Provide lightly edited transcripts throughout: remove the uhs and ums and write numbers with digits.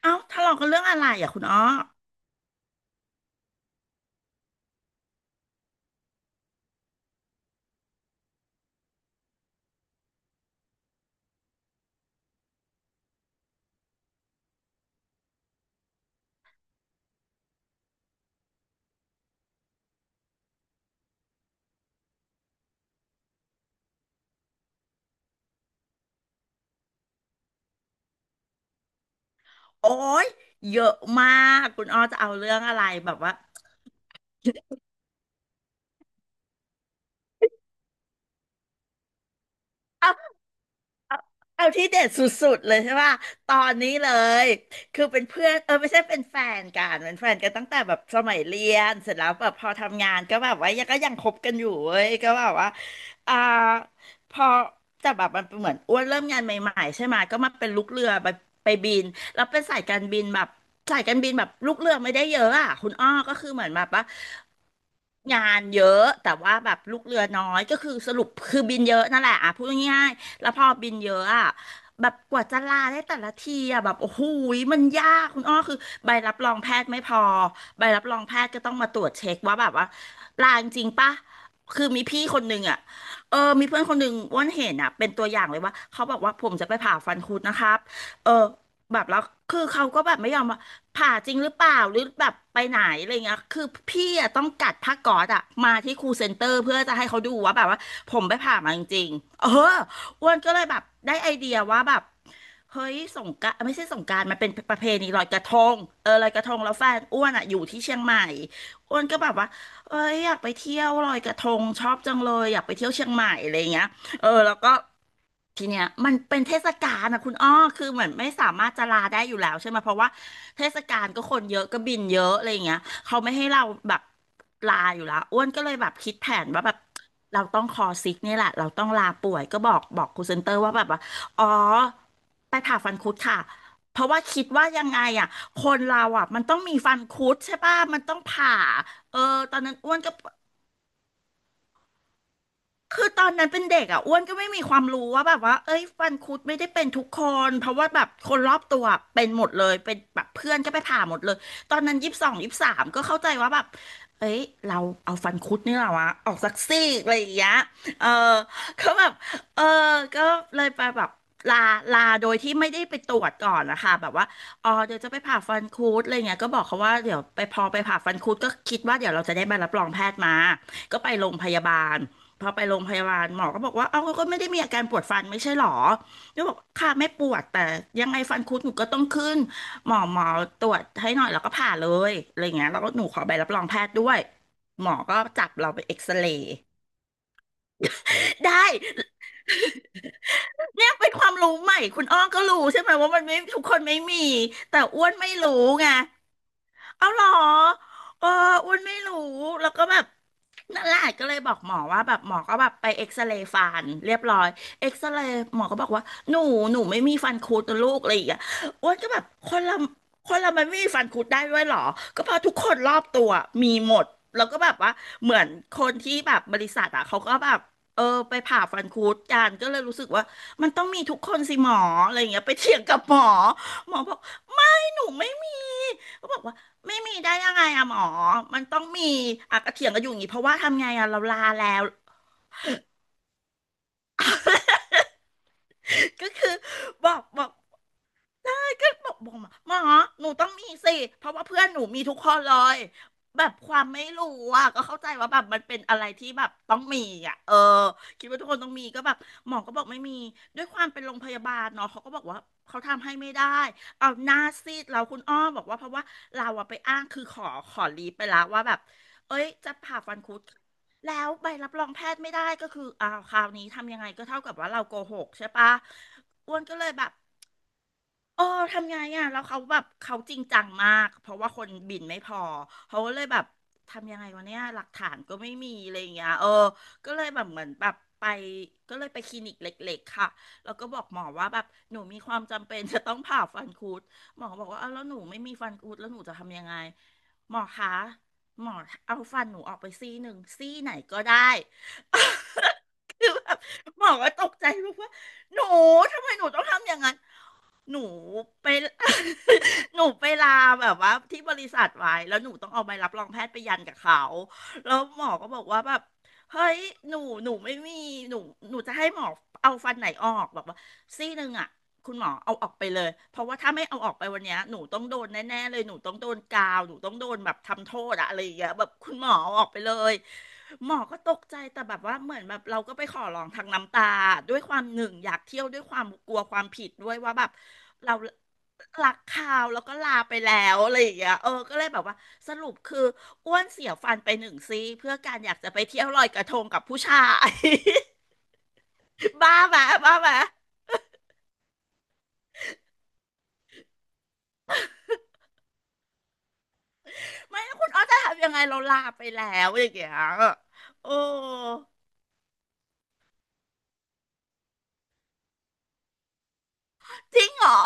เอ้าทะเลาะกันเรื่องอะไรอ่ะคุณอ้อ โอ้ย เยอะมากคุณอ้อจะเอาเรื่องอะไรแบบว่า เอาที่เด็ดสุดๆเลยใช่ป่ะตอนนี้เลย คือเป็นเพื่อนไม่ใช่เป็นแฟนกันตั้งแต่แบบสมัยเรียน เสร็จแล้วแบบพอทำงานก็แบบว่ายังคบกันอยู่เว้ยก็แบบว่าอ่าพอแต่แบบมันเหมือนอ้วนเริ่มงานใหม่ๆใช่ไหมก็มาเป็นลูกเรือไปบินแล้วเป็นสายการบินแบบสายการบินแบบลูกเรือไม่ได้เยอะอ่ะคุณอ้อก็คือเหมือนแบบว่างานเยอะแต่ว่าแบบลูกเรือน้อยก็คือสรุปคือบินเยอะนั่นแหละอ่ะพูดง่าย แล้วพอบินเยอะอะแบบกว่าจะลาได้แต่ละทีอะแบบโอ้โหยมันยากคุณอ้อคือใบรับรองแพทย์ไม่พอใบรับรองแพทย์ก็ต้องมาตรวจเช็คว่าแบบว่าลาจริงปะคือมีพี่คนหนึ่งอะอมีเพื่อนคนหนึ่งอ้วนเห็นอ่ะเป็นตัวอย่างเลยว่าเขาบอกว่าผมจะไปผ่าฟันคุดนะครับเออแบบแล้วคือเขาก็แบบไม่ยอมว่าผ่าจริงหรือเปล่าหรือแบบไปไหนอะไรเงี้ยคือพี่อ่ะต้องกัดผ้าก๊อซอ่ะมาที่ครูเซ็นเตอร์เพื่อจะให้เขาดูว่าแบบว่าผมไปผ่ามาจริงๆเออ อ้วนก็เลยแบบได้ไอเดียว่าแบบเฮ้ยสงกรานต์ไม่ใช่สงกรานต์มันเป็นประเพณีลอยกระทงเออลอยกระทงแล้วแฟนอ้วนอ่ะอยู่ที่เชียงใหม่อ้วนก็แบบว่าเอ้ยอยากไปเที่ยวลอยกระทงชอบจังเลยอยากไปเที่ยวเชียงใหม่อะไรเงี้ย เออแล้วก็ทีเนี้ยมันเป็นเทศกาลนะคุณอ้อคือเหมือนไม่สามารถจะลาได้อยู่แล้วใช่ไหมเพราะว่าเทศกาลก็คนเยอะก็บินเยอะอะไรอย่างเงี้ยเขาไม่ให้เราแบบลาอยู่แล้วอ้วนก็เลยแบบคิดแผนว่าแบบเราต้องคอซิกเนี่ยแหละเราต้องลาป่วยก็บอกครูเซนเตอร์ว่าแบบว่าอ๋อไปผ่าฟันคุดค่ะเพราะว่าคิดว่ายังไงอ่ะคนเราอ่ะมันต้องมีฟันคุดใช่ป่ะมันต้องผ่าเออตอนนั้นอ้วนก็ คือตอนนั้นเป็นเด็กอ่ะอ้วนก็ไม่มีความรู้ว่าแบบว่าเอ้ยฟันคุดไม่ได้เป็นทุกคนเพราะว่าแบบคนรอบตัวเป็นหมดเลยเป็นแบบเพื่อนก็ไปผ่าหมดเลยตอนนั้น22 23ก็เข้าใจว่าแบบเอ้ยเราเอาฟันคุดนี่แหละวะออกสักซี่อะไรอย่างเงี้ยเออก็แบบเออก็เลยไปแบบลาลาโดยที่ไม่ได้ไปตรวจก่อนนะคะแบบว่าอ๋อเดี๋ยวจะไปผ่าฟันคุดอะไรเงี้ยก็บอกเขาว่าเดี๋ยวไปพอไปผ่าฟันคุดก็คิดว่าเดี๋ยวเราจะได้ใบรับรองแพทย์มาก็ไปโรงพยาบาล พอไปโรงพยาบาลหมอก็บอกว่าเอ้าก็ไม่ได้มีอาการปวดฟันไม่ใช่หรอก็บอกค่ะไม่ปวดแต่ยังไงฟันคุดหนูก็ต้องขึ้น หมอตรวจให้หน่อยแล้วก็ผ่าเลยอะไรเงี้ยแล้วก็หนูขอใบรับรองแพทย์ด้วย หมอก็จับเราไปเอ็กซเรย์ ได้แล้วเป็นความรู้ใหม่ คุณอ้อก็รู้ใช่ไหมว่ามันไม่ทุกคนไม่มี แต่อ้วนไม่รู้ไง เอาเหรอเอออ้วนไม่รู้ แล้วก็แบบนั่นแหละก็เลยบอกหมอว่าแบบหมอก็แบบไปเอ็กซเรย์ฟันเรียบร้อยเอ็กซเรย์หมอก็บอกว่าหนูหนูไม่มีฟันคุดนะลูกอะไรอย่างเงี้ยอ้วนก็แบบคนเรามันไม่มีฟันคุดได้ด้วยเหรอ ก็เพราะทุกคนรอบตัวมีหมด แล้วก็แบบว่าเหมือนคนที่แบบบริษัทอ่ะเขาก็แบบเออไปผ่าฟันคุดกันก็เลยรู้สึกว่ามันต้องมีทุกคนสิหมออะไรอย่างเงี้ยไปเถียงกับหมอหมอบอกไม่หนูไม่มีก็บอกว่า ไม่มีได้ยังไงอะหมอมันต้องมีอะกระเถียงกันอยู่อย่างนี้เพราะว่าทำไงอะเราลาแล้ว ก็คือบอกได้ก็บอกหมอหนูต้องมีสิเพราะว่าเพื่อนหนูมีทุกคนเลยแบบความไม่รู้อ่ะก็เข้าใจว่าแบบมันเป็นอะไรที่แบบต้องมีอ่ะเออคิดว่าทุกคนต้องมีก็แบบหมอก็บอกไม่มีด้วยความเป็นโรงพยาบาลเนาะเขาก็บอกว่าเขาทำให้ไม่ได้เอาหน้าซีดเราคุณอ้อบอกว่าเพราะว่าเราอะไปอ้างคือขอลีฟไปแล้วว่าแบบเอ้ยจะผ่าฟันคุด แล้วใบรับรองแพทย์ไม่ได้ก็คืออ้าวคราวนี้ทำยังไงก็เท่ากับว่าเราโกหกใช่ปะอ้วนก็เลยแบบ เออทำไงอ่ะแล้วเขาแบบเขาจริงจังมากเพราะว่าคนบินไม่พอเขาก็เลยแบบทำยังไงวะเนี่ยหลักฐานก็ไม่มีอะไรอย่างเงี้ยก็เลยแบบเหมือนแบบไปก็เลยไปคลินิกเล็กๆค่ะแล้วก็บอกหมอว่าแบบหนูมีความจำเป็น จะต้องผ่าฟันคุดหมอบอกว่าอ้าวแล้วหนูไม่มีฟันคุดแล้วหนูจะทำยังไงหมอคะหมอเอาฟันหนูออกไปซี่หนึ่งซี่ไหนก็ได้ คือแบบหมอก็ตกใจมากว่า หนูทำไมหนูต้องทำอย่างนั้นหนูไป หนูไปลาแบบว่าที่บริษัทไว้แล้วหนูต้องเอาใบรับรองแพทย์ไปยันกับเขาแล้วหมอก็บอกว่าแบบเฮ้ยหนูหนูไม่มีหนูหนูจะให้หมอเอาฟันไหนออกบอกว่าซี่หนึ่งอ่ะ คุณหมอเอาออกไปเลยเพราะว่าถ้าไม่เอาออกไปวันเนี้ยหนูต้องโดนแน่ๆเลยหนูต้องโดนกาวหนูต้องโดนแบบทำโทษอะอะไรอย่างเงี้ยแบบคุณหมอเอาออกไปเลยหมอก็ตกใจแต่แบบว่าเหมือนแบบเราก็ไปขอร้องทางน้ำตาด้วยความหนึ่งอยากเที่ยวด้วยความกลัวความผิดด้วยว่าแบบเรารักเขาแล้วก็ลาไปแล้วอะไรอย่างเงี้ยก็เลยแบบว่าสรุปคืออ้วนเสียฟันไปหนึ่งซี่เพื่อการอยากจะไปเที่ยวลอยกระทงกับผู้ชาย บ้าไหมบ้าไหม ไม่แล้วคุณอ้อจะทำยังไงเราลาไปแล้วอย่างเงี้ยโอ้จริงเหรอ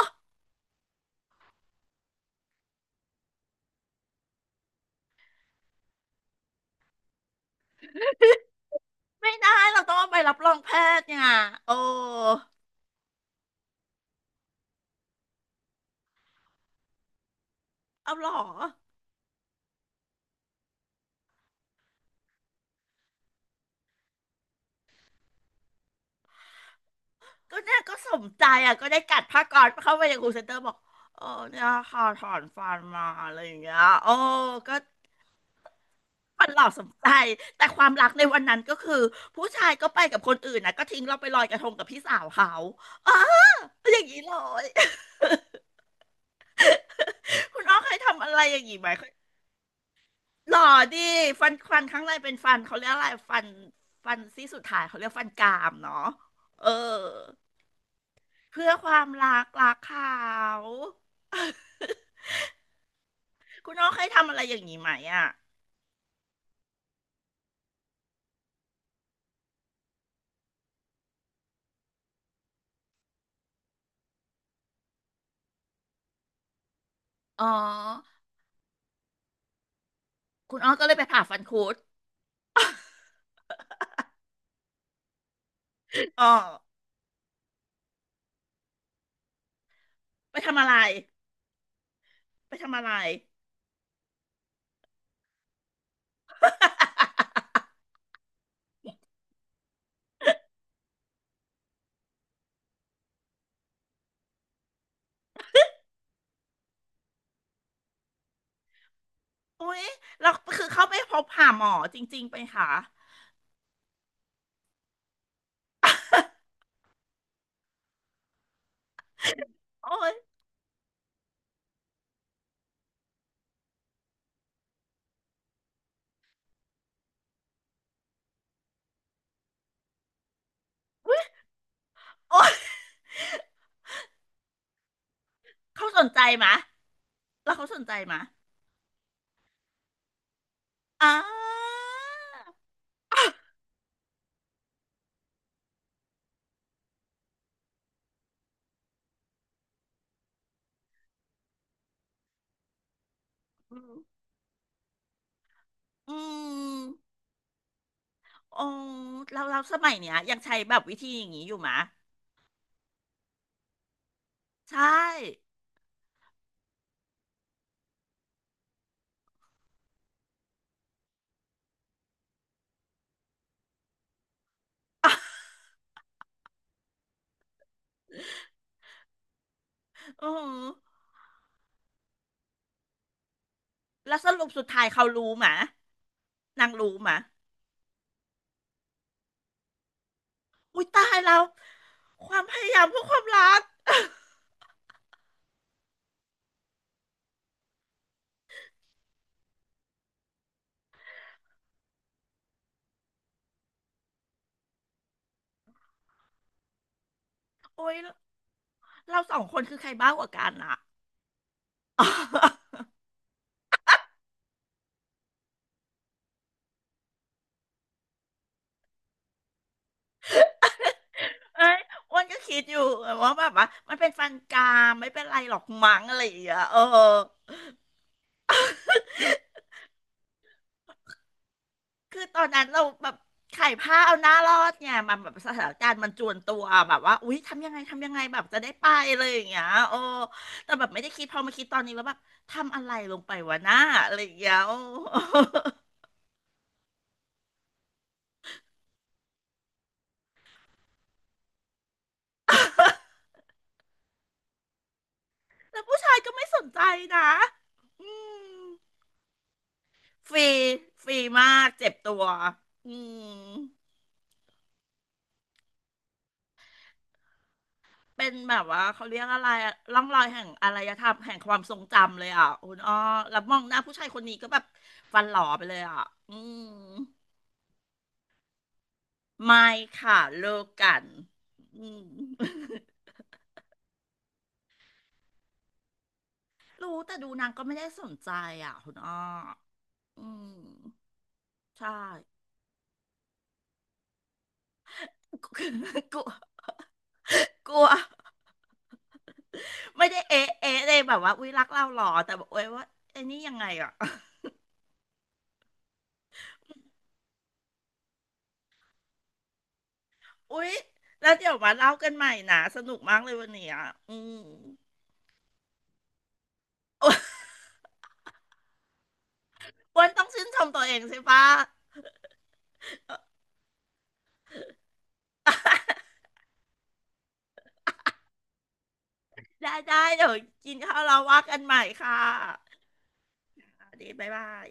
ไม่ได้เราต้องเอาไปรับรองแพทย์เนี่ยโอ้เอาเหรอก็เนี่ยก็สมใจอ่ะก็ได้กัดผ้าก๊อซเข้าไปในครูเซ็นเตอร์บอกเออเนี่ยค่ะถอนฟันมาอะไรอย่างเงี้ยโอ้ก็มันหลอกสมใจแต่ความรักในวันนั้นก็คือผู้ชายก็ไปกับคนอื่นนะก็ทิ้งเราไปลอยกระทงกับพี่สาวเขาเอออย่างนี้เลย คุณอ้อเคยทำอะไรอย่างนี้ไหมเค หล่อดิฟันข้างในเป็นฟันเขาเรียกอะไรฟันซี่สุดท้ายเขาเรียกฟันกรามเนาะเออเพื่อความรักรักเขา คุณอ้อเคยทำอะไรอย่างนี้ไหมอ่ะอ๋อคุณอ้อก็เลยไปผ่าฟันคุดอ๋อไปทำอะไรไปทำอะไรโอ้ ยเราคือเขาไปพบผ่าหมอจริงๆไปค่ะโอ้ยอุ๊ยโอ้ยเขาสนใจไหมะแล้วเขาสนใจไหมะอ่าอืมอืม โอ้เราเราสมัยเนี้ยยังใช้แบบวิธีอย่างนี้อยู่มะใช่โอ้แล้วสรุปสุดท้ายเขารู้มะนางรู้มะอุ้ยตายแล้วความพยายามเพื่อความรัก โอ้ยเราสองคนคือใครบ้ากว่ากันอ่ะ เอ้ยอ้วนก็คิดอยู่ว่าแบบว่ามันเป็นฟันกรามไม่เป็นไรหรอกมั้งอะไรอย่างเงี้ยคือตอนนั้นเราแบบไขผ้าเอาหน้ารอดเนี่ยมันแบบสถานการณ์มันจวนตัวแบบว่าอุ๊ยทำยังไงทำยังไงแบบจะได้ไปเลยอย่างเงี้ยโอ้แต่แบบไม่ได้คิดพอมาคิดตอนนี้แล้วแบบทำอะไรลงไปวะหน้าอะไรอย่างเงี้ยโอ้ แล้วผู้ชายก็ไม่สนใจนะอืมฟรีฟรีมากเจ็บตัวอืมเป็นแบบว่าเขาเรียกอะไรอะร่องรอยแห่งอารยธรรมแห่งความทรงจำเลยอ่ะคุณอ้อแล้วมองหน้าผู้ชายคนนี้ก็แบบฟันหล่อไปเลยอ่ะอืม ไม่ค่ะเลิกกันอืม รู้แต่ดูนางก็ไม่ได้สนใจอ่ะคุณอ้ออืมใช่ กลัวกลัวไม่ได้เอ๊ะเอ๊ะเลยแบบว่าอุ๊ยรักเราหรอแต่บอกเอ้ยว่าไอ้นี่ยังไงอ่ะ อุ๊ยแล้วเดี๋ยวมาเล่ากันใหม่นะสนุกมากเลยวันนี้ยอืม อ้วันต้องชื่นชมตัวเองใช่ปะได้ได้เดี๋ยวกินข้าวเราว่ากันใหม่ค่ะอ่ะดีบ๊ายบาย